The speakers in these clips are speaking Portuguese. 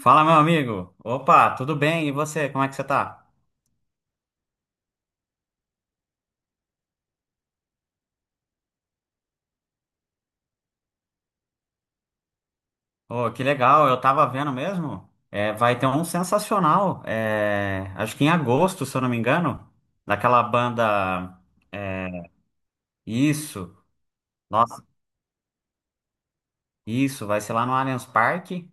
Fala, meu amigo. Opa, tudo bem? E você, como é que você tá? Oh, que legal, eu tava vendo mesmo. É, vai ter um sensacional, acho que em agosto, se eu não me engano, daquela banda. É, isso, nossa, isso, vai ser lá no Allianz Parque.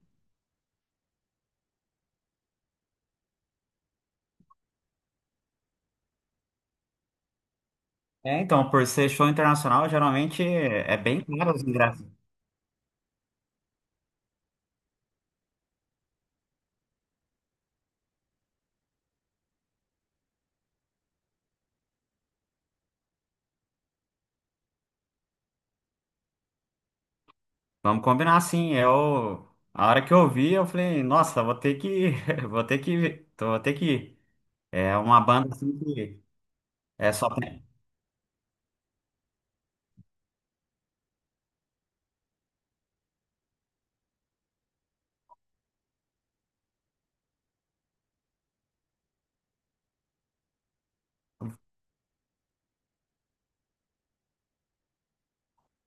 É, então, por ser show internacional, geralmente é bem caro os ingressos. Vamos combinar assim, eu. A hora que eu vi, eu falei, nossa, vou ter que. Vou ter que. Vou ter que ir. É uma banda assim que. É só.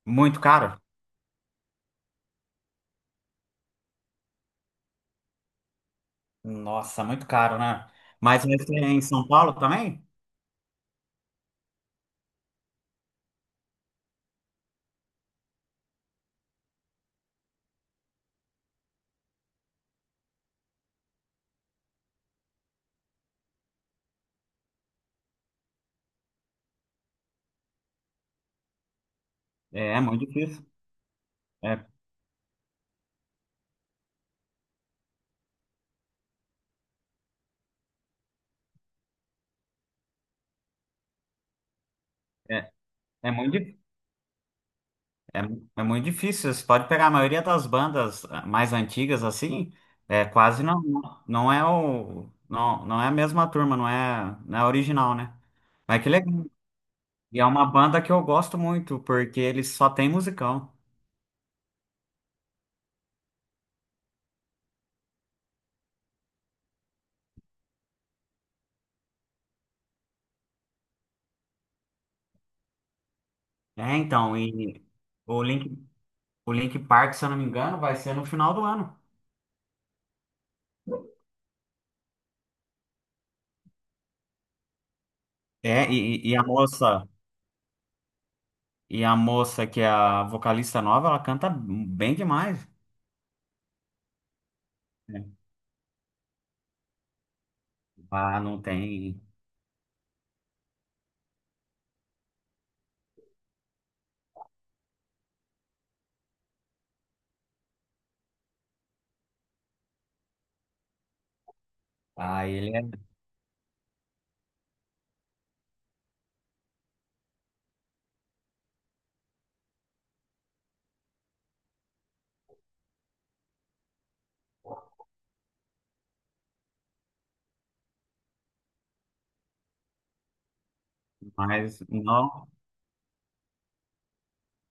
Muito caro? Nossa, muito caro, né? Mas esse é em São Paulo também? É, é muito difícil. É, é, é muito, di- é, é muito difícil. Você pode pegar a maioria das bandas, ah, mais antigas assim, é quase não, não, não é a mesma turma, não é, não é a original, né? Mas que legal. E é uma banda que eu gosto muito, porque eles só tem musicão. É, então, o Link, o Link Park, se eu não me engano, vai ser no final do ano. É, e, e e a moça. E a moça que é a vocalista nova, ela canta bem demais. Né? Ah, não tem. Ah, ele é demais. Não.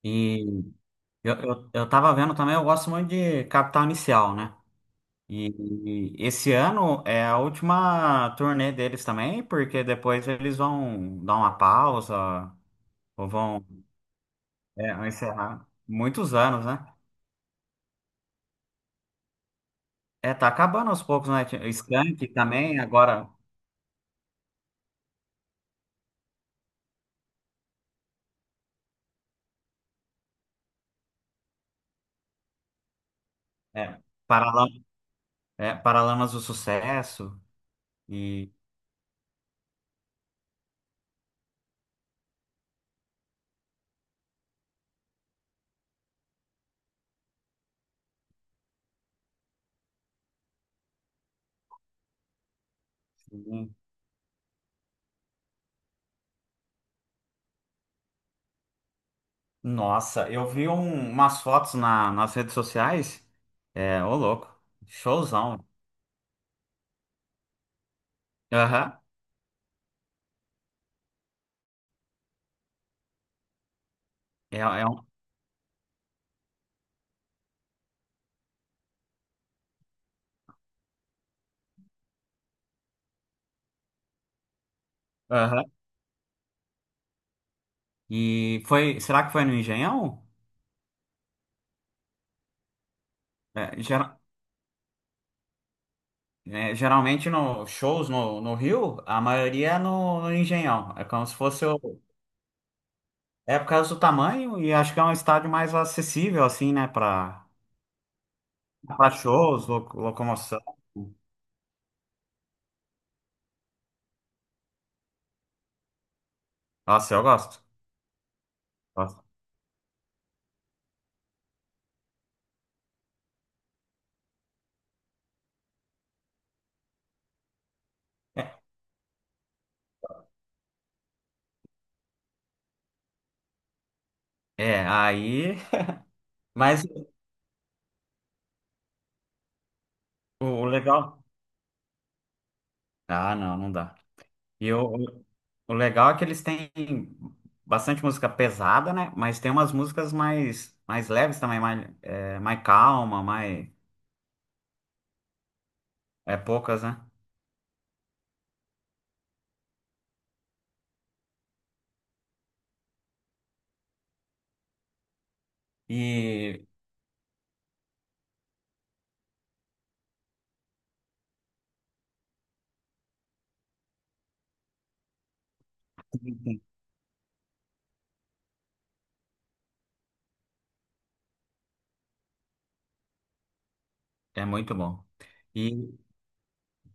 E eu tava vendo também, eu gosto muito de Capital Inicial, né? E, e esse ano é a última turnê deles também, porque depois eles vão dar uma pausa, ou vão, é, vão encerrar muitos anos, né? É, tá acabando aos poucos, né? Tinha Skank também, agora, é, Paralamas, é, Paralamas do Sucesso. E, nossa, eu vi um- umas fotos na- nas redes sociais. É, ô louco. Showzão. Aham. É, é um. Aham. E foi. Será que foi no Engenhão? É, gera- é, geralmente no shows no, no Rio, a maioria é no, no Engenhão. É como se fosse o. É por causa do tamanho e acho que é um estádio mais acessível, assim, né? Pra, pra shows, lo- locomoção. Nossa, eu gosto. Gosto. É, aí. Mas o legal. Ah, não, não dá. E o legal é que eles têm bastante música pesada, né? Mas tem umas músicas mais, mais leves também, mais, é, mais calma, mais é, poucas, né? E é muito bom. E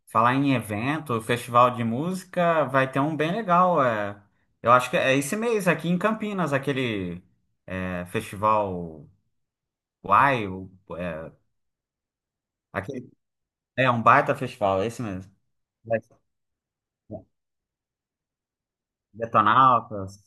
falar em evento, festival de música, vai ter um bem legal. É, eu acho que é esse mês aqui em Campinas, aquele é, festival. Uai, o- é, aquele, é um baita festival, é esse mesmo. Vai- Detonautas.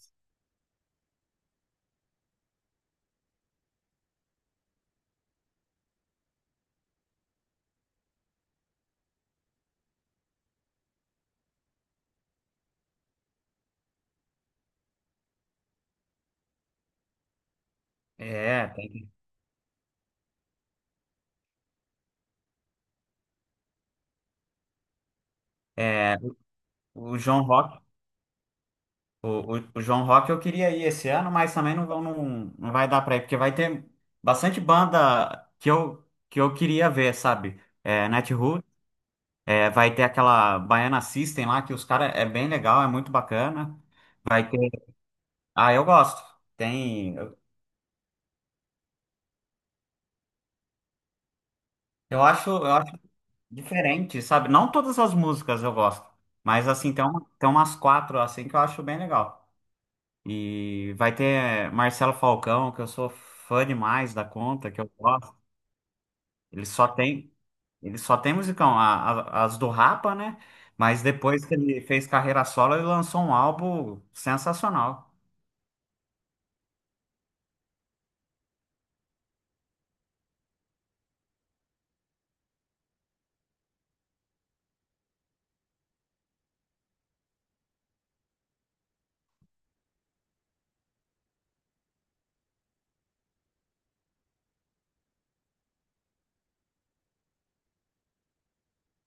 É, tem- é, o João Rock, o, o João Rock eu queria ir esse ano, mas também não, vão- não, não vai dar pra ir, porque vai ter bastante banda que que eu queria ver, sabe? É, Natiruts, é, vai ter aquela Baiana System lá, que os caras é bem legal, é muito bacana. Vai ter. Ah, eu gosto. Tem. Eu acho diferente, sabe? Não todas as músicas eu gosto, mas assim, tem, uma, tem umas quatro assim que eu acho bem legal. E vai ter Marcelo Falcão, que eu sou fã demais da conta, que eu gosto. Ele só tem, ele só tem musicão, as do Rapa, né? Mas depois que ele fez carreira solo, ele lançou um álbum sensacional.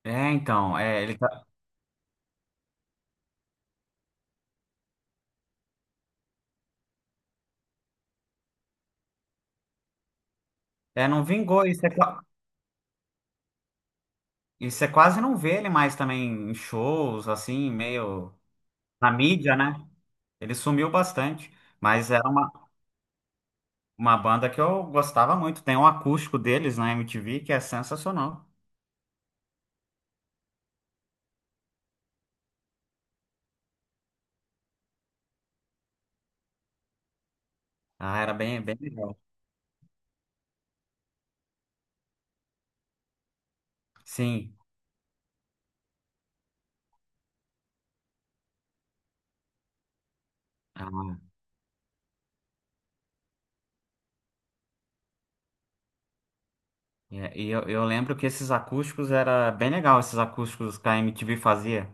É, então, é, ele tá- é, não vingou. E você, qua- e você quase não vê ele mais também em shows, assim, meio na mídia, né? Ele sumiu bastante, mas era uma banda que eu gostava muito. Tem um acústico deles na MTV que é sensacional. Ah, era bem, bem legal. Sim. Ah, e eu lembro que esses acústicos era bem legal, esses acústicos que a MTV fazia.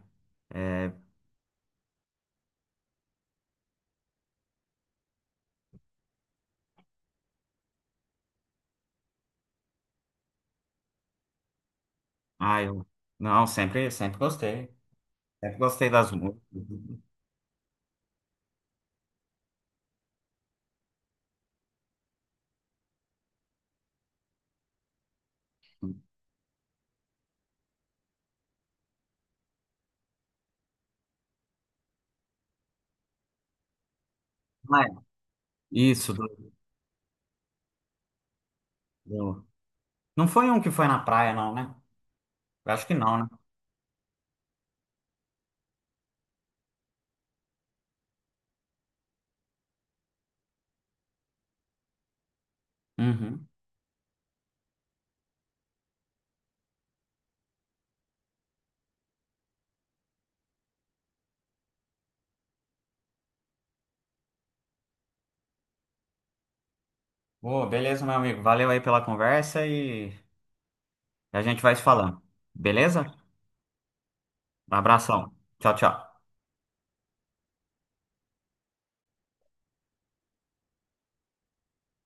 É, ah, eu não, sempre, sempre gostei. Sempre gostei das músicas. Ah, é. Isso. Do- Não foi um que foi na praia, não, né? Eu acho que não, né? Uhum. Ô, beleza, meu amigo. Valeu aí pela conversa e a gente vai se falando. Beleza? Um abração. Tchau, tchau.